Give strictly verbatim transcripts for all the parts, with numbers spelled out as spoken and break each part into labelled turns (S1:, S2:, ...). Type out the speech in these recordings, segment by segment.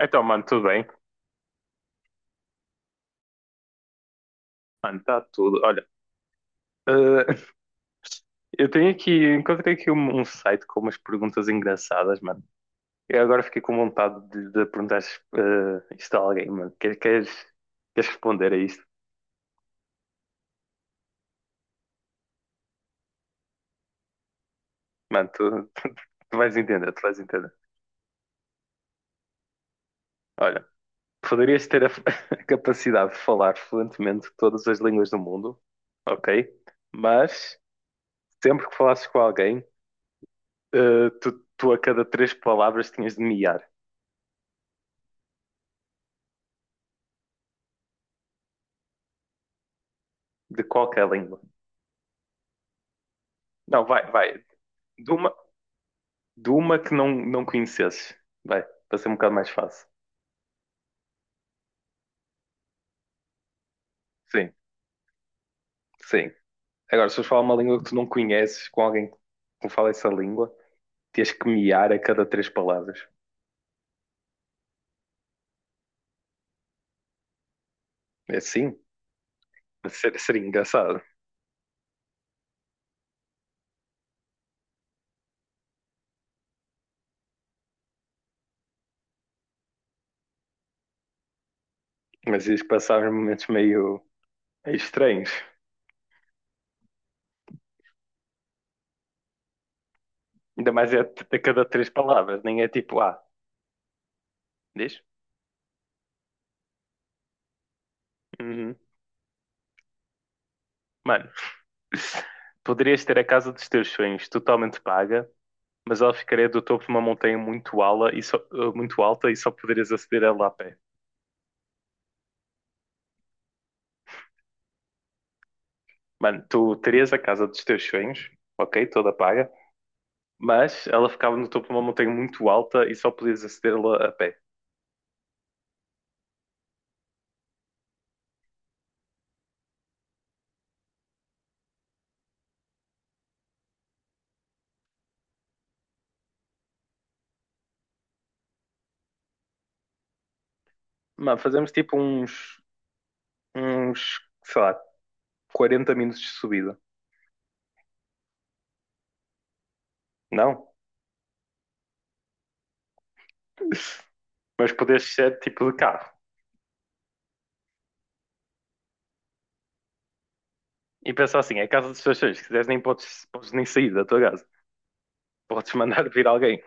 S1: Então, mano, tudo bem? Mano, tá tudo. Olha, eh, eu tenho aqui, encontrei aqui um, um site com umas perguntas engraçadas, mano. Eu agora fiquei com vontade de, de perguntar eh, isto a alguém, mano. Quer- Queres, queres responder a isto? Mano, tu, tu vais entender, tu vais entender. Olha, poderias ter a, f- a capacidade de falar fluentemente todas as línguas do mundo, ok? Mas sempre que falasses com alguém, eh, tu, tu a cada três palavras tinhas de miar, de qualquer língua. Não, vai, vai. De uma, de uma que não, não conhecesses. Vai, para ser um bocado mais fácil. Sim, sim. Agora, se fores falar uma língua que tu não conheces com alguém que fala essa língua, tens que miar a cada três palavras. É assim? Ser- Seria engraçado. Mas ias passar uns momentos meio, meio estranhos. Ainda mais é t- a cada três palavras. Nem é tipo, ah, diz? Uhum. Mano, poderias ter a casa dos teus sonhos totalmente paga, mas ela ficaria do topo de uma montanha muito, ala e só- eh, muito alta e só poderias aceder a ela a pé. Mano, tu terias a casa dos teus sonhos, ok, toda paga, mas ela ficava no topo de uma montanha muito alta e só podias acedê-la a pé. Mano, fazemos tipo uns, uns, sei lá, quarenta minutos de subida, não? Mas podes ser tipo de carro. E pensar assim, é a casa dos teus sonhos, se quiseres nem podes, podes nem sair da tua casa. Podes mandar vir alguém.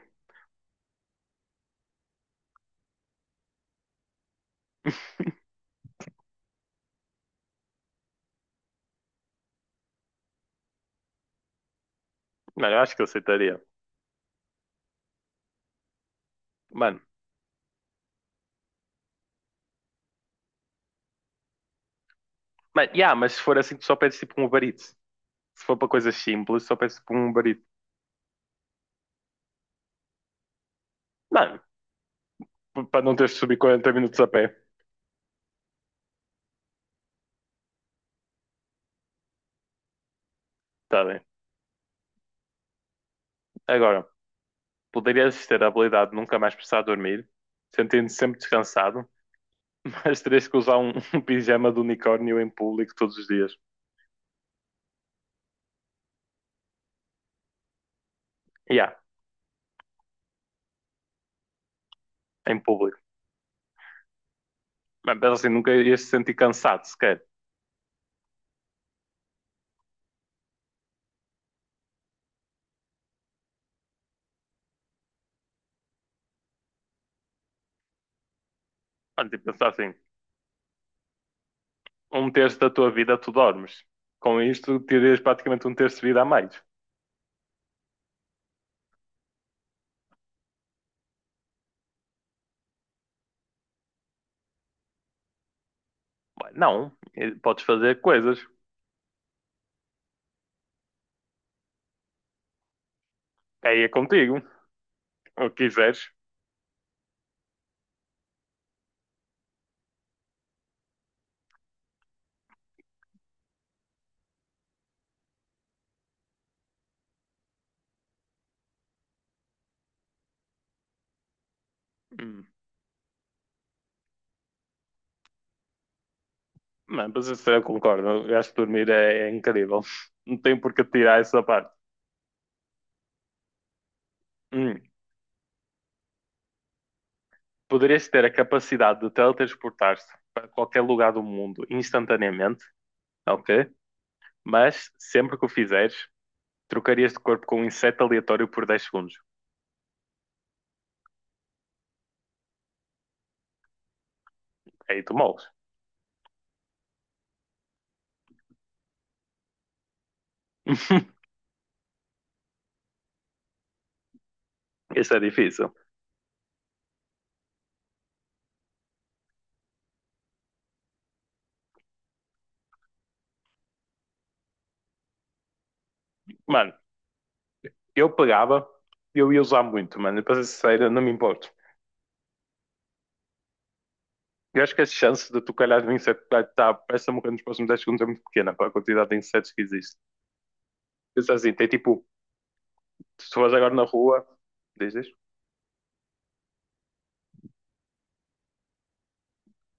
S1: Mano, eu acho que eu aceitaria. Mano, mano, yeah, mas se for assim, tu só pedes tipo um Uber Eats. Se for para coisas simples, só peço por um barito. Mano, p- para não teres de subir quarenta minutos a pé. Tá bem. Agora, poderias ter a habilidade de nunca mais precisar dormir, sentindo-te sempre descansado, mas terias que usar um, um pijama de unicórnio em público todos os dias. Yeah, em público. Mas pensa assim, nunca ias te sentir cansado sequer. Mano, tipo, pensar assim, um terço da tua vida tu dormes. Com isto, terias praticamente um terço de vida a mais. Bem, não, eh, podes fazer coisas. Aí é contigo, o que quiseres. Não, mas isso eu concordo. Eu acho que dormir é, é incrível. Não tem por que tirar essa parte. Hum. Poderias ter a capacidade de teletransportar te para qualquer lugar do mundo instantaneamente, ok? Mas sempre que o fizeres, trocarias de corpo com um inseto aleatório por dez segundos. Aí tu moles. Isso é difícil. Mano, eu pegava, eu ia usar muito, mano. E para ser sincero, não me importo. Eu acho que as chances de tu calhar no inseto que vai estar a peça morrer nos próximos dez segundos é muito pequena para a quantidade de insetos que existe. Pensa assim, tem tipo, se tu fores agora na rua, dizes,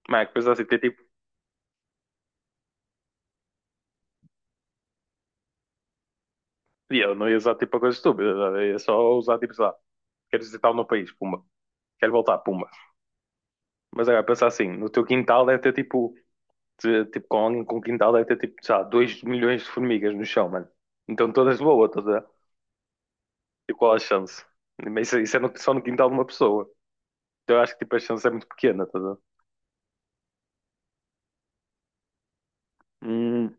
S1: mas é que coisa assim, tem tipo, e eu não ia usar tipo a coisa estúpida, sabe? Eu ia só usar tipo, sei lá, quero visitar o meu país, pumba, quero voltar, pumba. Mas agora, pensa assim, no teu quintal deve ter tipo, de- tipo com alguém com quintal deve ter tipo, sei lá, 2 milhões de formigas no chão, mano. Então todas de boa, estás a ver? E qual a chance? Mas isso, isso é no- só no quintal de uma pessoa. Então eu acho que tipo, a chance é muito pequena, estás a ver? Hum,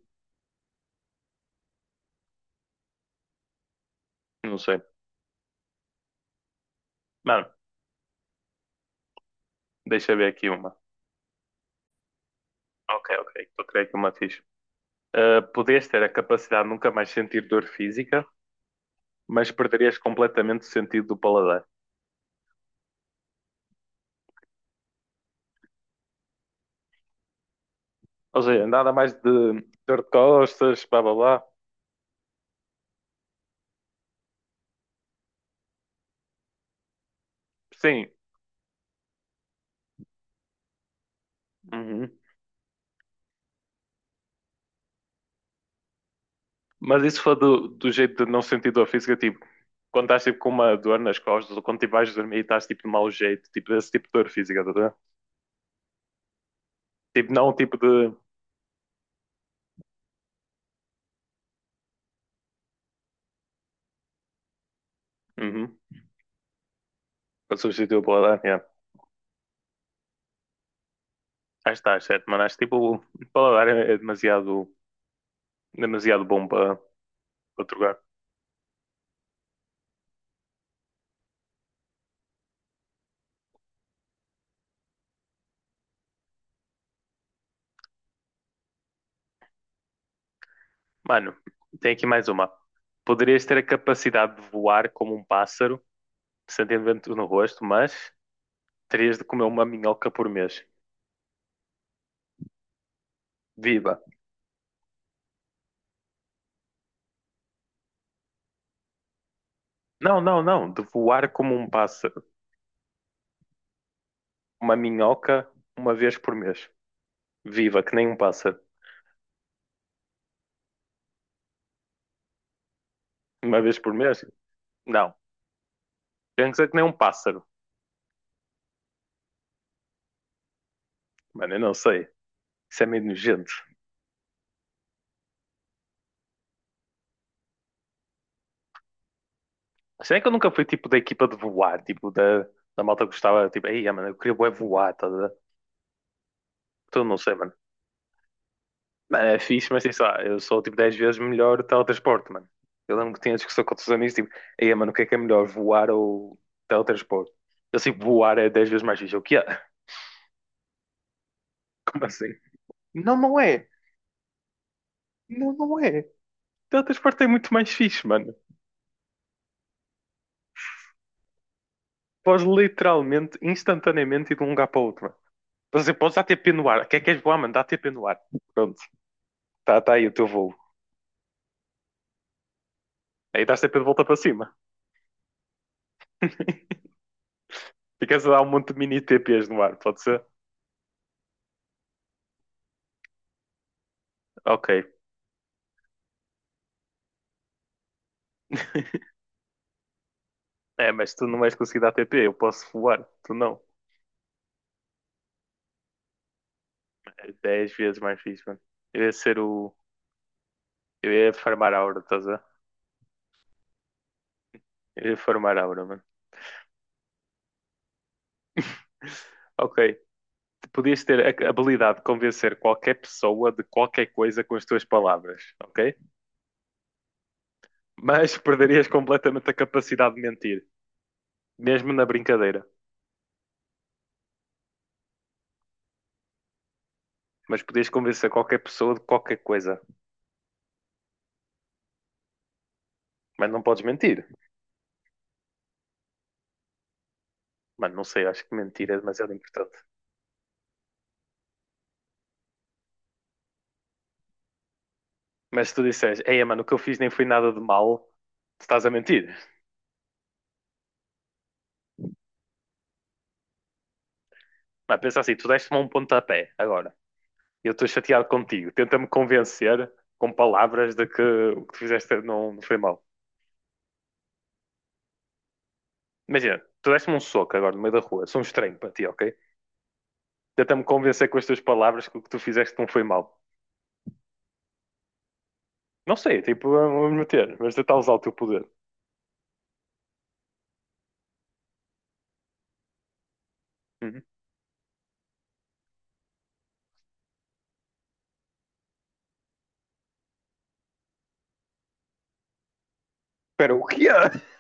S1: não sei. Mano, deixa eu ver aqui uma. Ok, ok, estou a criar aqui uma ficha. Uh, podias ter a capacidade de nunca mais sentir dor física, mas perderias completamente o sentido do paladar. Ou seja, nada mais de dor de costas, blá blá blá. Sim, uhum. Mas isso foi do, do jeito de não sentir dor física, tipo, quando estás tipo, com uma dor nas costas, ou quando tipo, vais dormir e estás tipo de mau jeito, tipo, esse tipo de dor física, tá, a tipo, não tipo de. Uhum. Para substituir o paladar, yeah. Acho que está certo, mano. Acho que tipo, o paladar é demasiado, demasiado bom para, para trocar. Mano, tem aqui mais uma. Poderias ter a capacidade de voar como um pássaro, sentindo vento no rosto, mas terias de comer uma minhoca por mês. Viva! Não, não, não. De voar como um pássaro. Uma minhoca uma vez por mês. Viva, que nem um pássaro. Uma vez por mês? Não. Pensa que nem um pássaro. Mano, eu não sei. Isso é meio nojento. Será que eu nunca fui tipo da equipa de voar? Tipo, da, da malta que gostava, tipo, ei, mano, eu queria bué voar, tá? A ver? Então não sei, mano. Mano, é fixe, mas sei lá, eu sou tipo dez vezes melhor o teletransporte, mano. Eu lembro que tinha discussão com outros amigos, tipo, ei, mano, o que é que é melhor, voar ou teletransporte? Eu sei que voar é dez vezes mais fixe. Eu, o que é? Como assim? Não, não é. Não, não é. Teletransporte é muito mais fixe, mano. Podes literalmente, instantaneamente ir de um lugar para o outro, mano. Por exemplo, podes dar T p no ar. O que é que queres voar, mano? Dá T P no ar. Pronto, tá, tá aí o teu voo. Aí dás T P de volta para cima. Ficas a dar um monte de mini T p's no ar, pode ser? Ok, é, mas tu não vais conseguir dar T P, eu posso voar, tu não. É dez vezes mais fixe, mano. Eu ia ser o. Eu ia farmar aura, estás a ver? Eu ia farmar aura, mano. Ok, tu podias ter a a habilidade de convencer qualquer pessoa de qualquer coisa com as tuas palavras, ok? Mas perderias completamente a capacidade de mentir, mesmo na brincadeira. Mas podias convencer qualquer pessoa de qualquer coisa. Mas não podes mentir. Mano, não sei, acho que mentir é demasiado importante. Mas se tu disseres, ei, mano, o que eu fiz nem foi nada de mal, tu estás a mentir. Mas pensa assim, tu deste-me um pontapé agora. Eu estou chateado contigo. Tenta-me convencer com palavras de que o que tu fizeste não, não foi mal. Imagina, tu deste-me um soco agora no meio da rua. Sou um estranho para ti, ok? Tenta-me convencer com as tuas palavras que o que tu fizeste não foi mal. Não sei, tipo, vamos meter, mas tentar usar o teu poder. Uhum. Espera, o que é?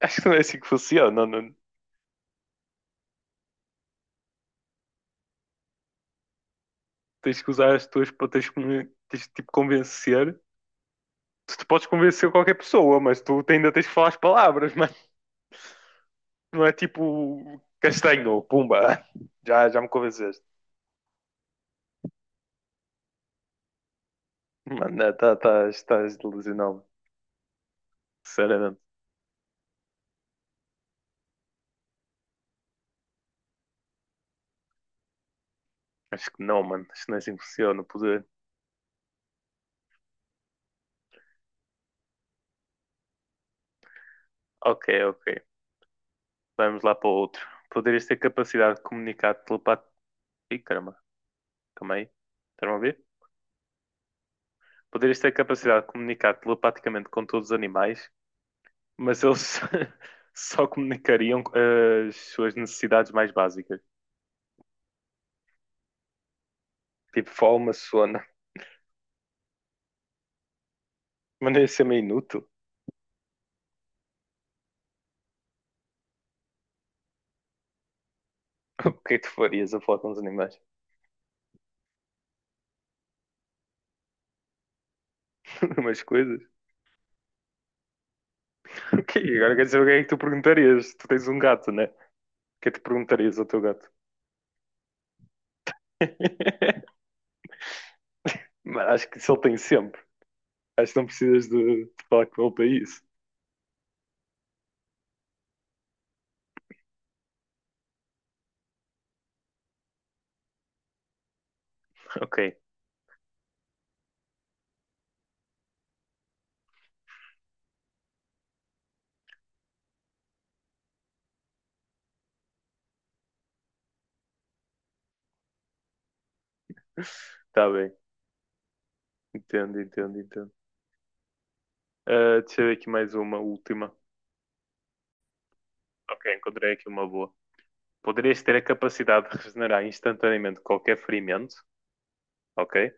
S1: Acho que não é assim que funciona. Não, não. Tens que usar as tuas, para tens que tens que, tipo, convencer. Tu, tu podes convencer qualquer pessoa, mas tu ainda tens que falar as palavras, mano. Não é tipo castanho, pumba. Já, já me convenceste. Mano, não, tá, tá, estás delusional. Sinceramente. Acho que não, mano. Acho que não é assim que funciona o poder. Ok, ok. Vamos lá para o outro. Poderias ter capacidade de comunicar telepat... Ih, caramba. Calma aí. Estão a ver? Poderias ter capacidade de comunicar telepaticamente com todos os animais, mas eles só comunicariam eh, as suas necessidades mais básicas. Tipo fome, sono. Mas não ia ser meio inútil. O que é que tu farias a falar com os animais? Umas coisas. Ok, agora quero saber o que é que tu perguntarias. Tu tens um gato, né? O que é que tu perguntarias ao teu gato? Mas acho que isso ele tem sempre. Acho que não precisas de, de falar com ele para isso. Ok, está bem. Entendo, entendo, entendo. Ah, deixa eu ver aqui mais uma, última. Ok, encontrei aqui uma boa. Poderias ter a capacidade de regenerar instantaneamente qualquer ferimento, ok?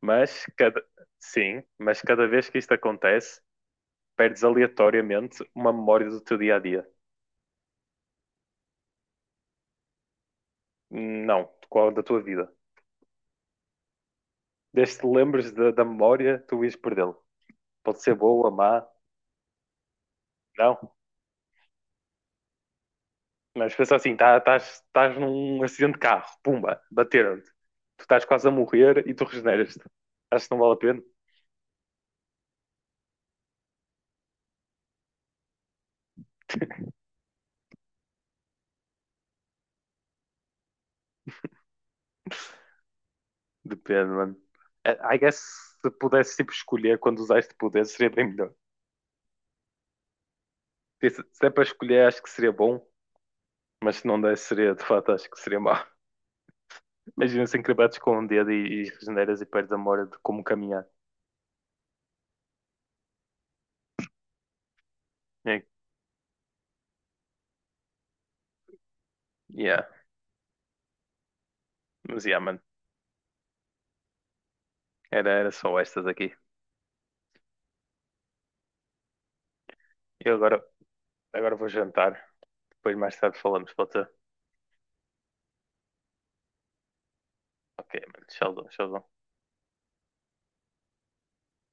S1: Mas cada... Sim, mas cada vez que isto acontece, perdes aleatoriamente uma memória do teu dia a dia. Não, de qual da tua vida. Desde que te lembres da, da memória, tu ias perdê-lo. Pode ser boa, má, não. Mas pensa assim, estás num acidente de carro, pumba, bateram-te. Tu estás quase a morrer e tu regeneras-te. Acho que não vale a pena? Depende, mano. I I guess se pudesse tipo, escolher quando usaste poder, seria bem melhor. Se se é para escolher, acho que seria bom, mas se não der, seria de fato, acho que seria mau. Imagina se encrebates com um dedo e, e regeneras e perdes a memória de como caminhar. É, yeah, mas yeah, mano. Era, era só estas aqui. Eu agora Agora vou jantar. Depois mais tarde falamos, pode ser? Ok, mano. Tchauzão, tchauzão.